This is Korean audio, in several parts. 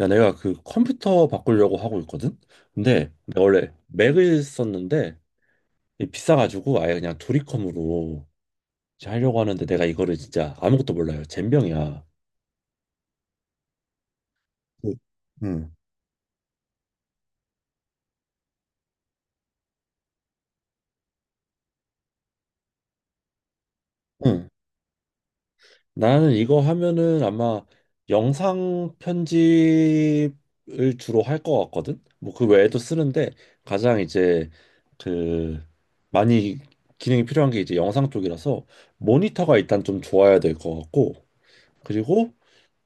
야, 내가 그 컴퓨터 바꾸려고 하고 있거든? 근데 내가 원래 맥을 썼는데 이게 비싸가지고 아예 그냥 도리컴으로 이제 하려고 하는데 내가 이거를 진짜 아무것도 몰라요. 젬병이야. 응. 응. 응. 나는 이거 하면은 아마 영상 편집을 주로 할 것 같거든? 뭐 그 외에도 쓰는데 가장 이제 그 많이 기능이 필요한 게 이제 영상 쪽이라서 모니터가 일단 좀 좋아야 될 것 같고, 그리고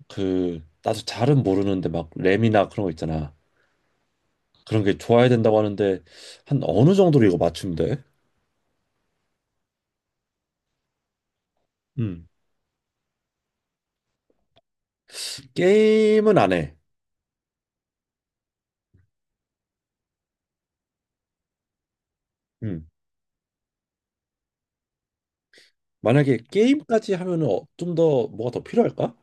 그 나도 잘은 모르는데 막 램이나 그런 거 있잖아. 그런 게 좋아야 된다고 하는데 한 어느 정도로 이거 맞춘돼. 음. 게임은 안 해. 음. 만약에 게임까지 하면은 좀더 뭐가 더 필요할까?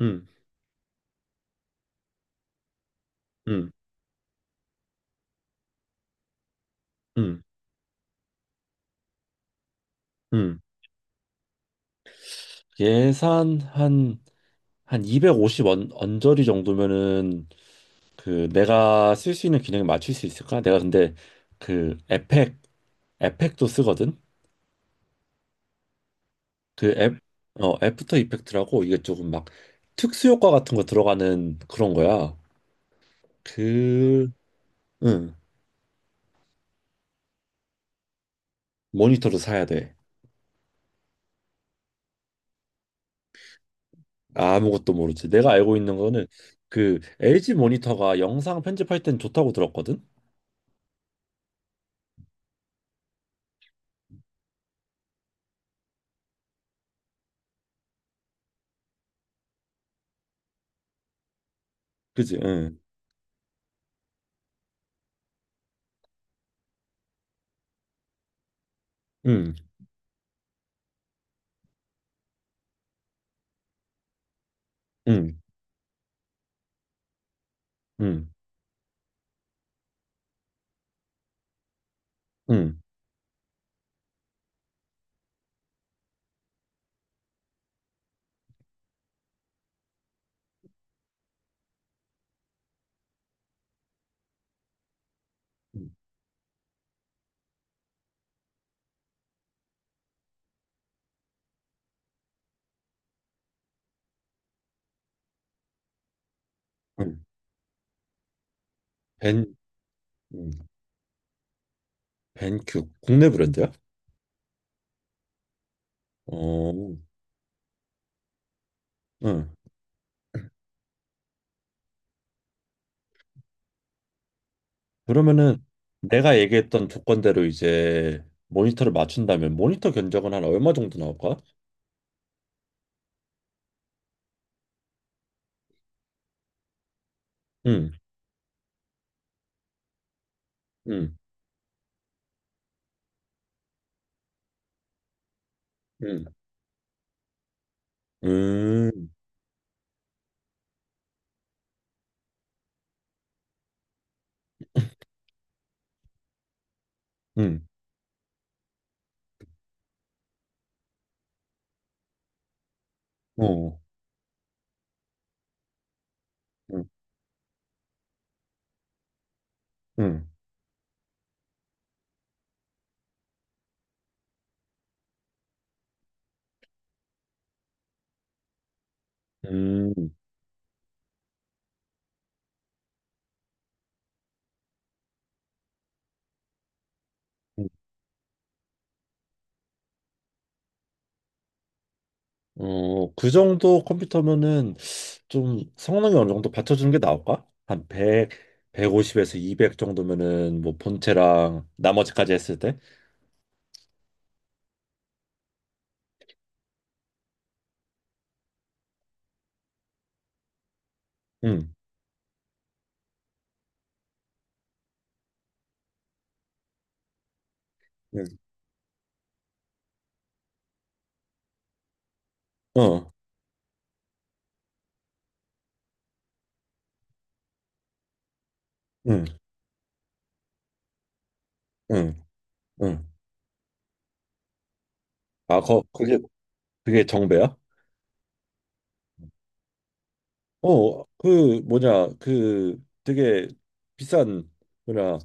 음. 음. 음. 음. 예산 한 250원 언저리 정도면은 그 내가 쓸 수 있는 기능에 맞출 수 있을까? 내가 근데 그 에펙도 쓰거든. 그 애프터 이펙트라고 이게 조금 막 특수 효과 같은 거 들어가는 그런 거야. 그, 응, 모니터를 사야 돼. 아무것도 모르지. 내가 알고 있는 거는 그 LG 모니터가 영상 편집할 땐 좋다고 들었거든. 그지? 응, 응, 응, 응, 응, 응, 응. 벤, 응, 벤큐 국내 브랜드야? 어, 응. 그러면은 내가 얘기했던 조건대로 이제 모니터를 맞춘다면 모니터 견적은 한 얼마 정도 나올까? 응. 음, 음, 음, 음, 어, 음, 음, 음, 음. 어, 그 정도 컴퓨터면은 좀 성능이 어느 정도 받쳐주는 게 나올까? 한 100, 150에서 200 정도면은 뭐 본체랑 나머지까지 했을 때? 음, 음, 어, 음, 음, 음. 아, 그게 정배야? 그, 뭐냐, 그 되게 비싼, 뭐냐,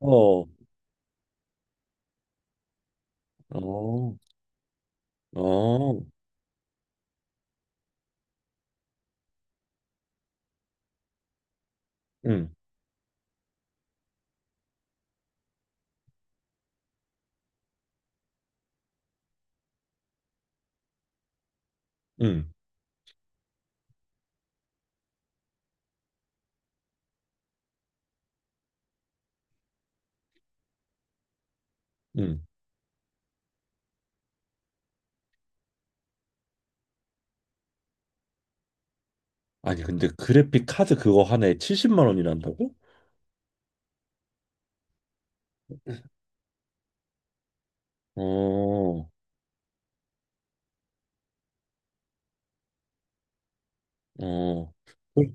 어, 어, 어, 음, 음. 음. 아니, 근데 그래픽 카드 그거 하나에 70만 원이란다고? 어, 어. 헐,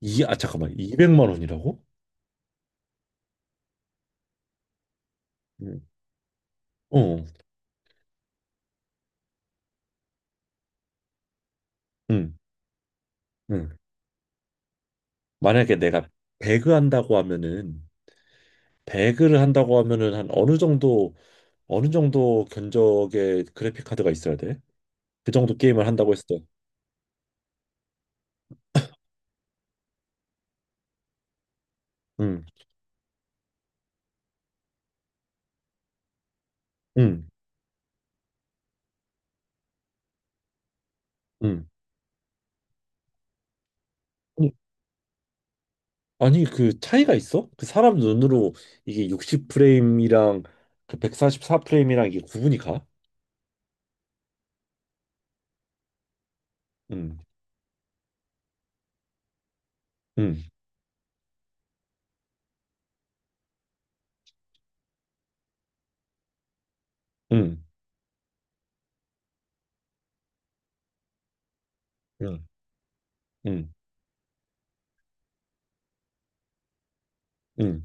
아, 잠깐만. 200만 원이라고? 응. 어, 응, 응. 만약에 내가 배그 한다고 하면은, 배그를 한다고 하면은 한 어느 정도 견적의 그래픽 카드가 있어야 돼? 그 정도 게임을 한다고 했을 때. 응, 응, 응. 아니, 아니, 그 차이가 있어? 그 사람 눈으로 이게 60프레임이랑 그 144프레임이랑 이게 구분이 가? 응, 응. 응, 응, 응, 응,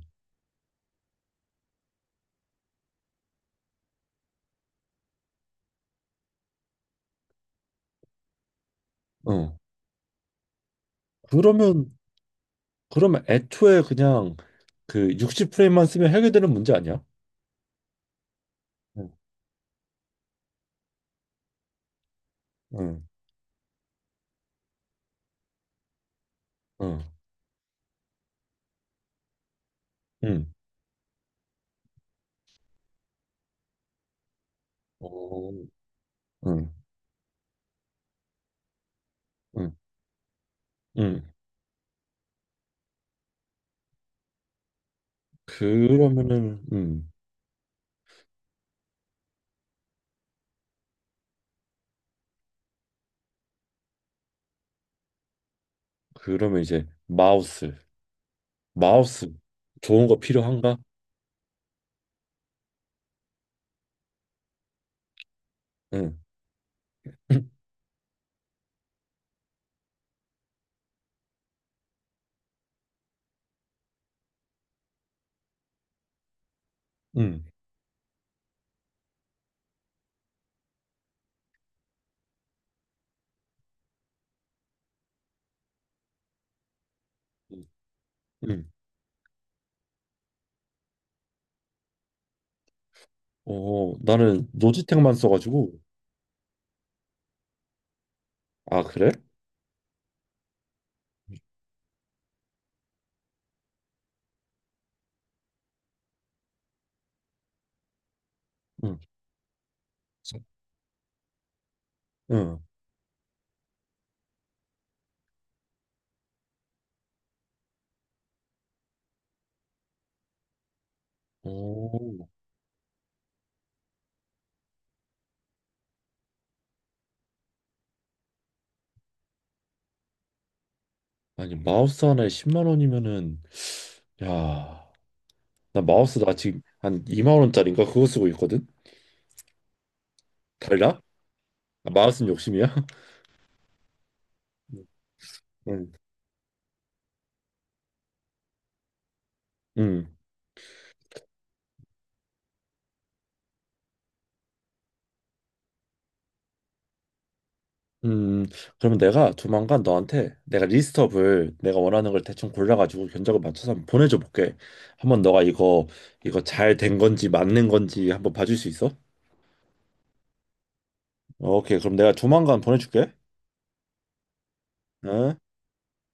어. 음. 그러면, 그러면 애초에 그냥 그 60프레임만 쓰면 해결되는 문제 아니야? 응, 응, 응, 응, 어, 응, 응, 응. 그러면은, 응, 그러면 이제 마우스, 좋은 거 필요한가? 응, 응, 응. 나는 노지텍만 써가지고. 아, 그래? 응, 응. 오, 아니, 마우스 하나에 10만 원이면은, 야. 나 지금 한 2만 원짜리인가 그거 쓰고 있거든. 달라? 아, 마우스는 욕심이야? 응. 음. 음. 그러면 내가 조만간 너한테 내가 리스트업을 내가 원하는 걸 대충 골라가지고 견적을 맞춰서 한번 보내줘 볼게. 한번 너가 이거 잘 된 건지 맞는 건지 한번 봐줄 수 있어? 오케이. 그럼 내가 조만간 보내줄게. 응?